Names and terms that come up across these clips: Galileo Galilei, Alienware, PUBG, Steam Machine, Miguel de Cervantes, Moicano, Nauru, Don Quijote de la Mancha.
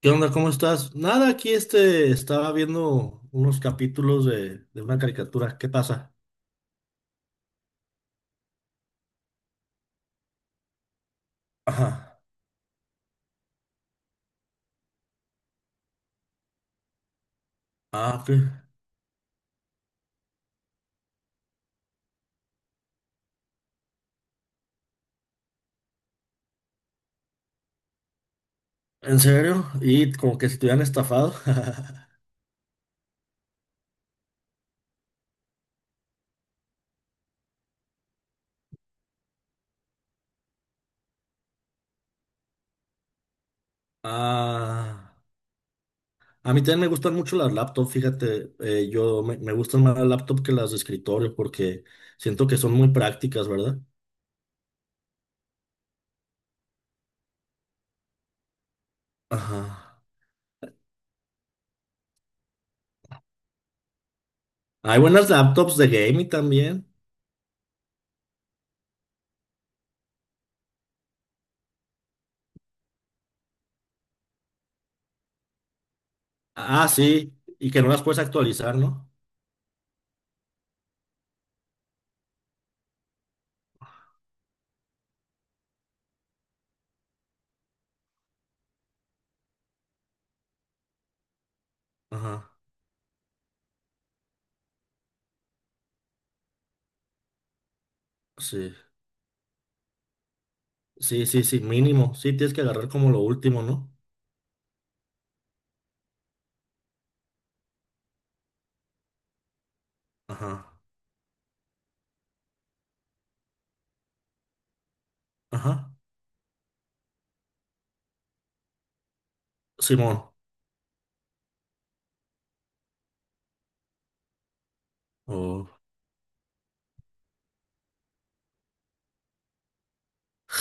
¿Qué onda? ¿Cómo estás? Nada, aquí estaba viendo unos capítulos de una caricatura. ¿Qué pasa? Ajá. Ah, ¿qué? ¿En serio? Y como que si te hubieran estafado. Ah, a mí también me gustan mucho las laptops, fíjate. Yo me gustan más las laptops que las de escritorio porque siento que son muy prácticas, ¿verdad? Ajá. Hay buenas laptops de gaming también. Ah, sí. Y que no las puedes actualizar, ¿no? Ajá. Sí. Sí, sí, sí, mínimo. Sí, tienes que agarrar como lo último, ¿no? Ajá, ajá. Simón. Oh.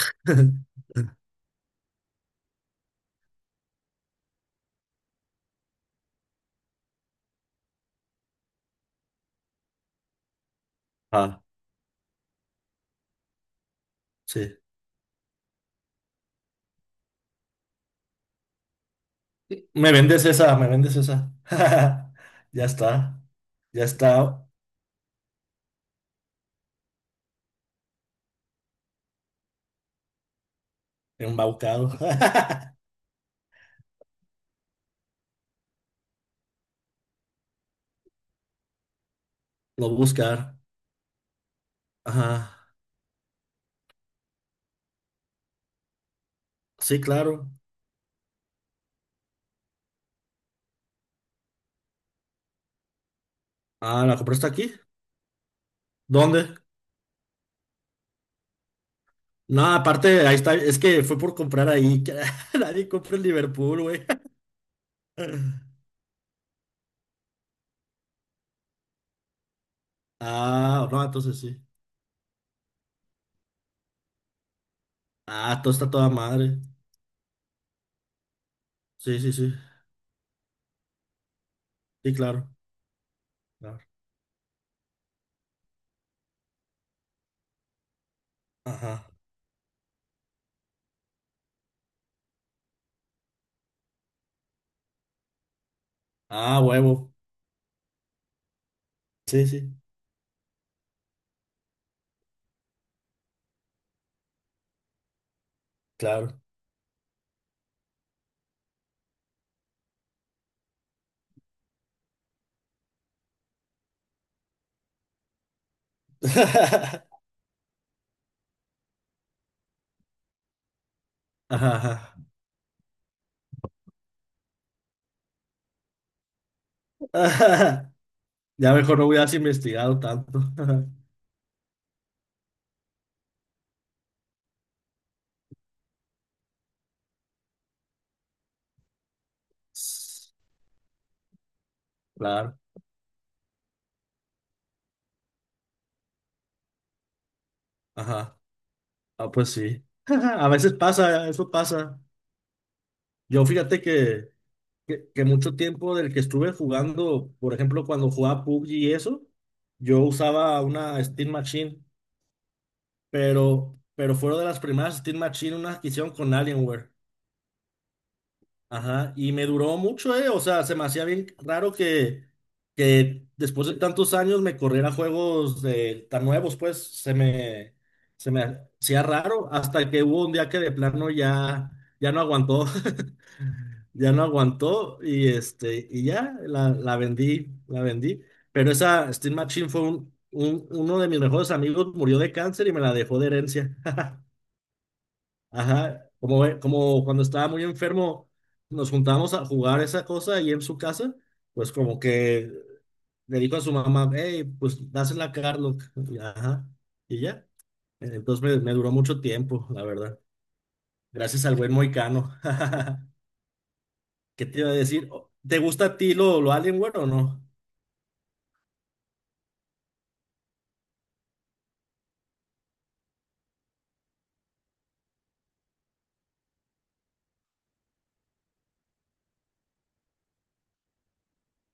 Ah, sí. Me vendes esa, me vendes esa. Ya está. Ya está embaucado. Lo buscar. Ajá. Sí, claro. Ah, ¿la compraste aquí? ¿Dónde? No, aparte, ahí está. Es que fue por comprar ahí. Nadie compra en Liverpool, güey. Ah, no, entonces sí. Ah, todo está toda madre. Sí, sí, sí. Sí, claro. Claro. Ajá. Ah, huevo. Sí, sí, claro. Ajá, ajá. Ajá. Ya mejor no hubieras investigado tanto. Claro. Ajá. Ah, pues sí. A veces pasa, eso pasa. Yo fíjate que mucho tiempo del que estuve jugando, por ejemplo, cuando jugaba PUBG y eso, yo usaba una Steam Machine, pero fueron de las primeras Steam Machine, una adquisición con Alienware. Ajá, y me duró mucho, ¿eh? O sea, se me hacía bien raro que después de tantos años me corriera juegos de, tan nuevos, pues se me hacía raro hasta que hubo un día que de plano ya, ya no aguantó, ya no aguantó y, este, y ya la vendí, la vendí. Pero esa Steam Machine fue un, uno de mis mejores amigos, murió de cáncer y me la dejó de herencia. Ajá, como, como cuando estaba muy enfermo, nos juntábamos a jugar esa cosa ahí en su casa, pues como que le dijo a su mamá, hey, pues dásela a Carlos, y, ajá, y ya. Entonces me duró mucho tiempo, la verdad. Gracias al buen Moicano. ¿Qué te iba a decir? ¿Te gusta a ti lo Alienware o no?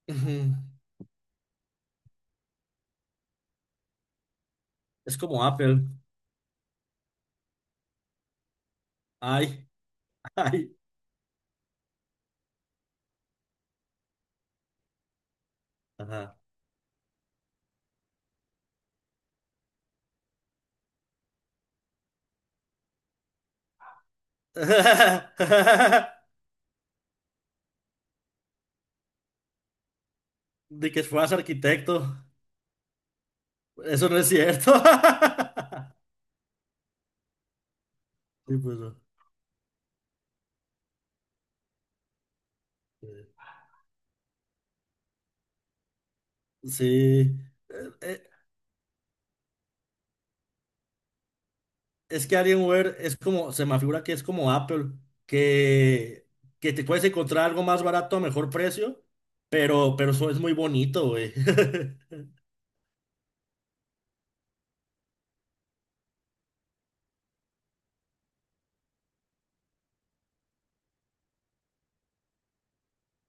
Ujú. Es como Apple. Ay, ay, ajá. De que fueras arquitecto. Eso no es cierto. Sí, pues, no. Sí. Eh, eh, es que Alienware es como, se me figura que es como Apple, que, que te puedes encontrar algo más barato a mejor precio, pero eso es muy bonito, güey.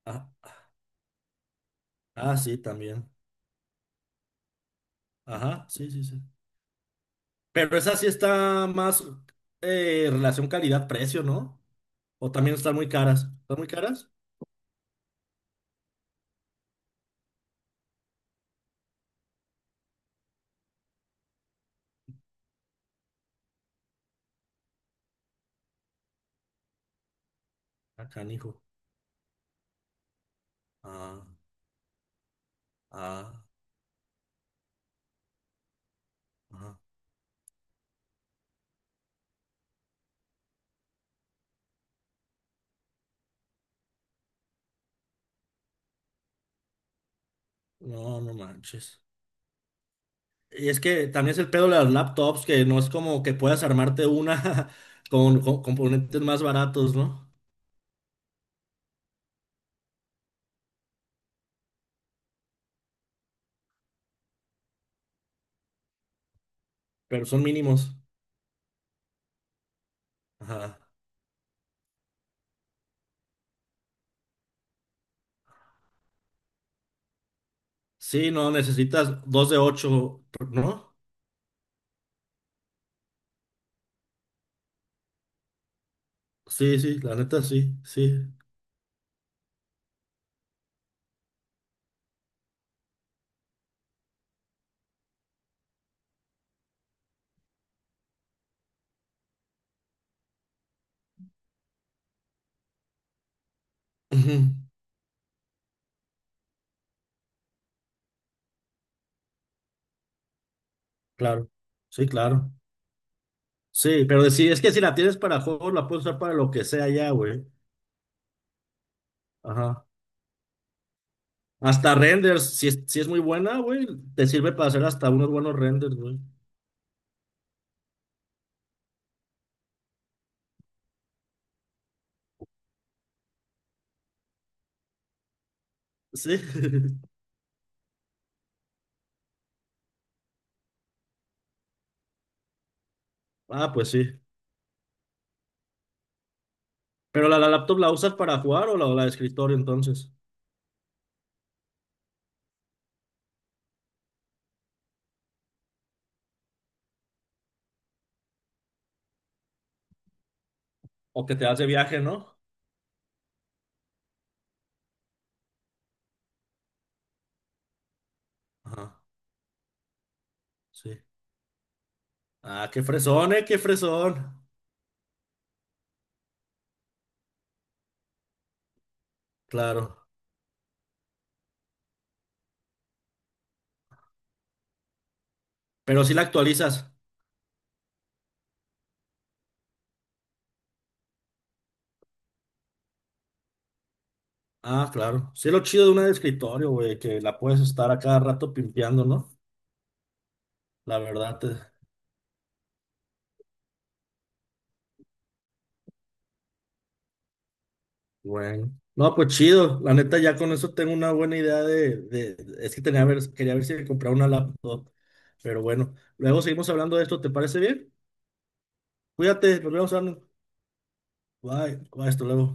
Ah, ah, sí, también. Ajá, sí, sí, sí. Pero esa sí está más relación calidad-precio, ¿no? O también están muy caras. ¿Están muy caras? Ah, canijo. Ah, ah, ah. No, no manches. Y es que también es el pedo de las laptops, que no es como que puedas armarte una con componentes más baratos, ¿no? Pero son mínimos. Ajá. Sí, no, necesitas dos de ocho, ¿no? Sí, sí, la neta sí, sí. Ujú. Claro, sí, claro. Sí, pero sí, es que si la tienes para juegos, la puedes usar para lo que sea ya, güey. Ajá. Hasta renders, si es, si es muy buena, güey, te sirve para hacer hasta unos buenos renders, güey. Sí. Ah, pues sí. Pero la laptop la usas para jugar o la de escritorio entonces. O que te das de viaje, ¿no? Ajá, sí. Ah, qué fresón, qué fresón. Claro. Pero si la actualizas. Ah, claro. Sí, es lo chido de una de escritorio, güey, que la puedes estar a cada rato pimpeando, ¿no? La verdad, te... bueno. No, pues chido. La neta, ya con eso tengo una buena idea de- Es que tenía ver, quería ver si me compraba una laptop. Pero bueno, luego seguimos hablando de esto, ¿te parece bien? Cuídate, nos vemos, Arnold. Bye, bye, hasta luego.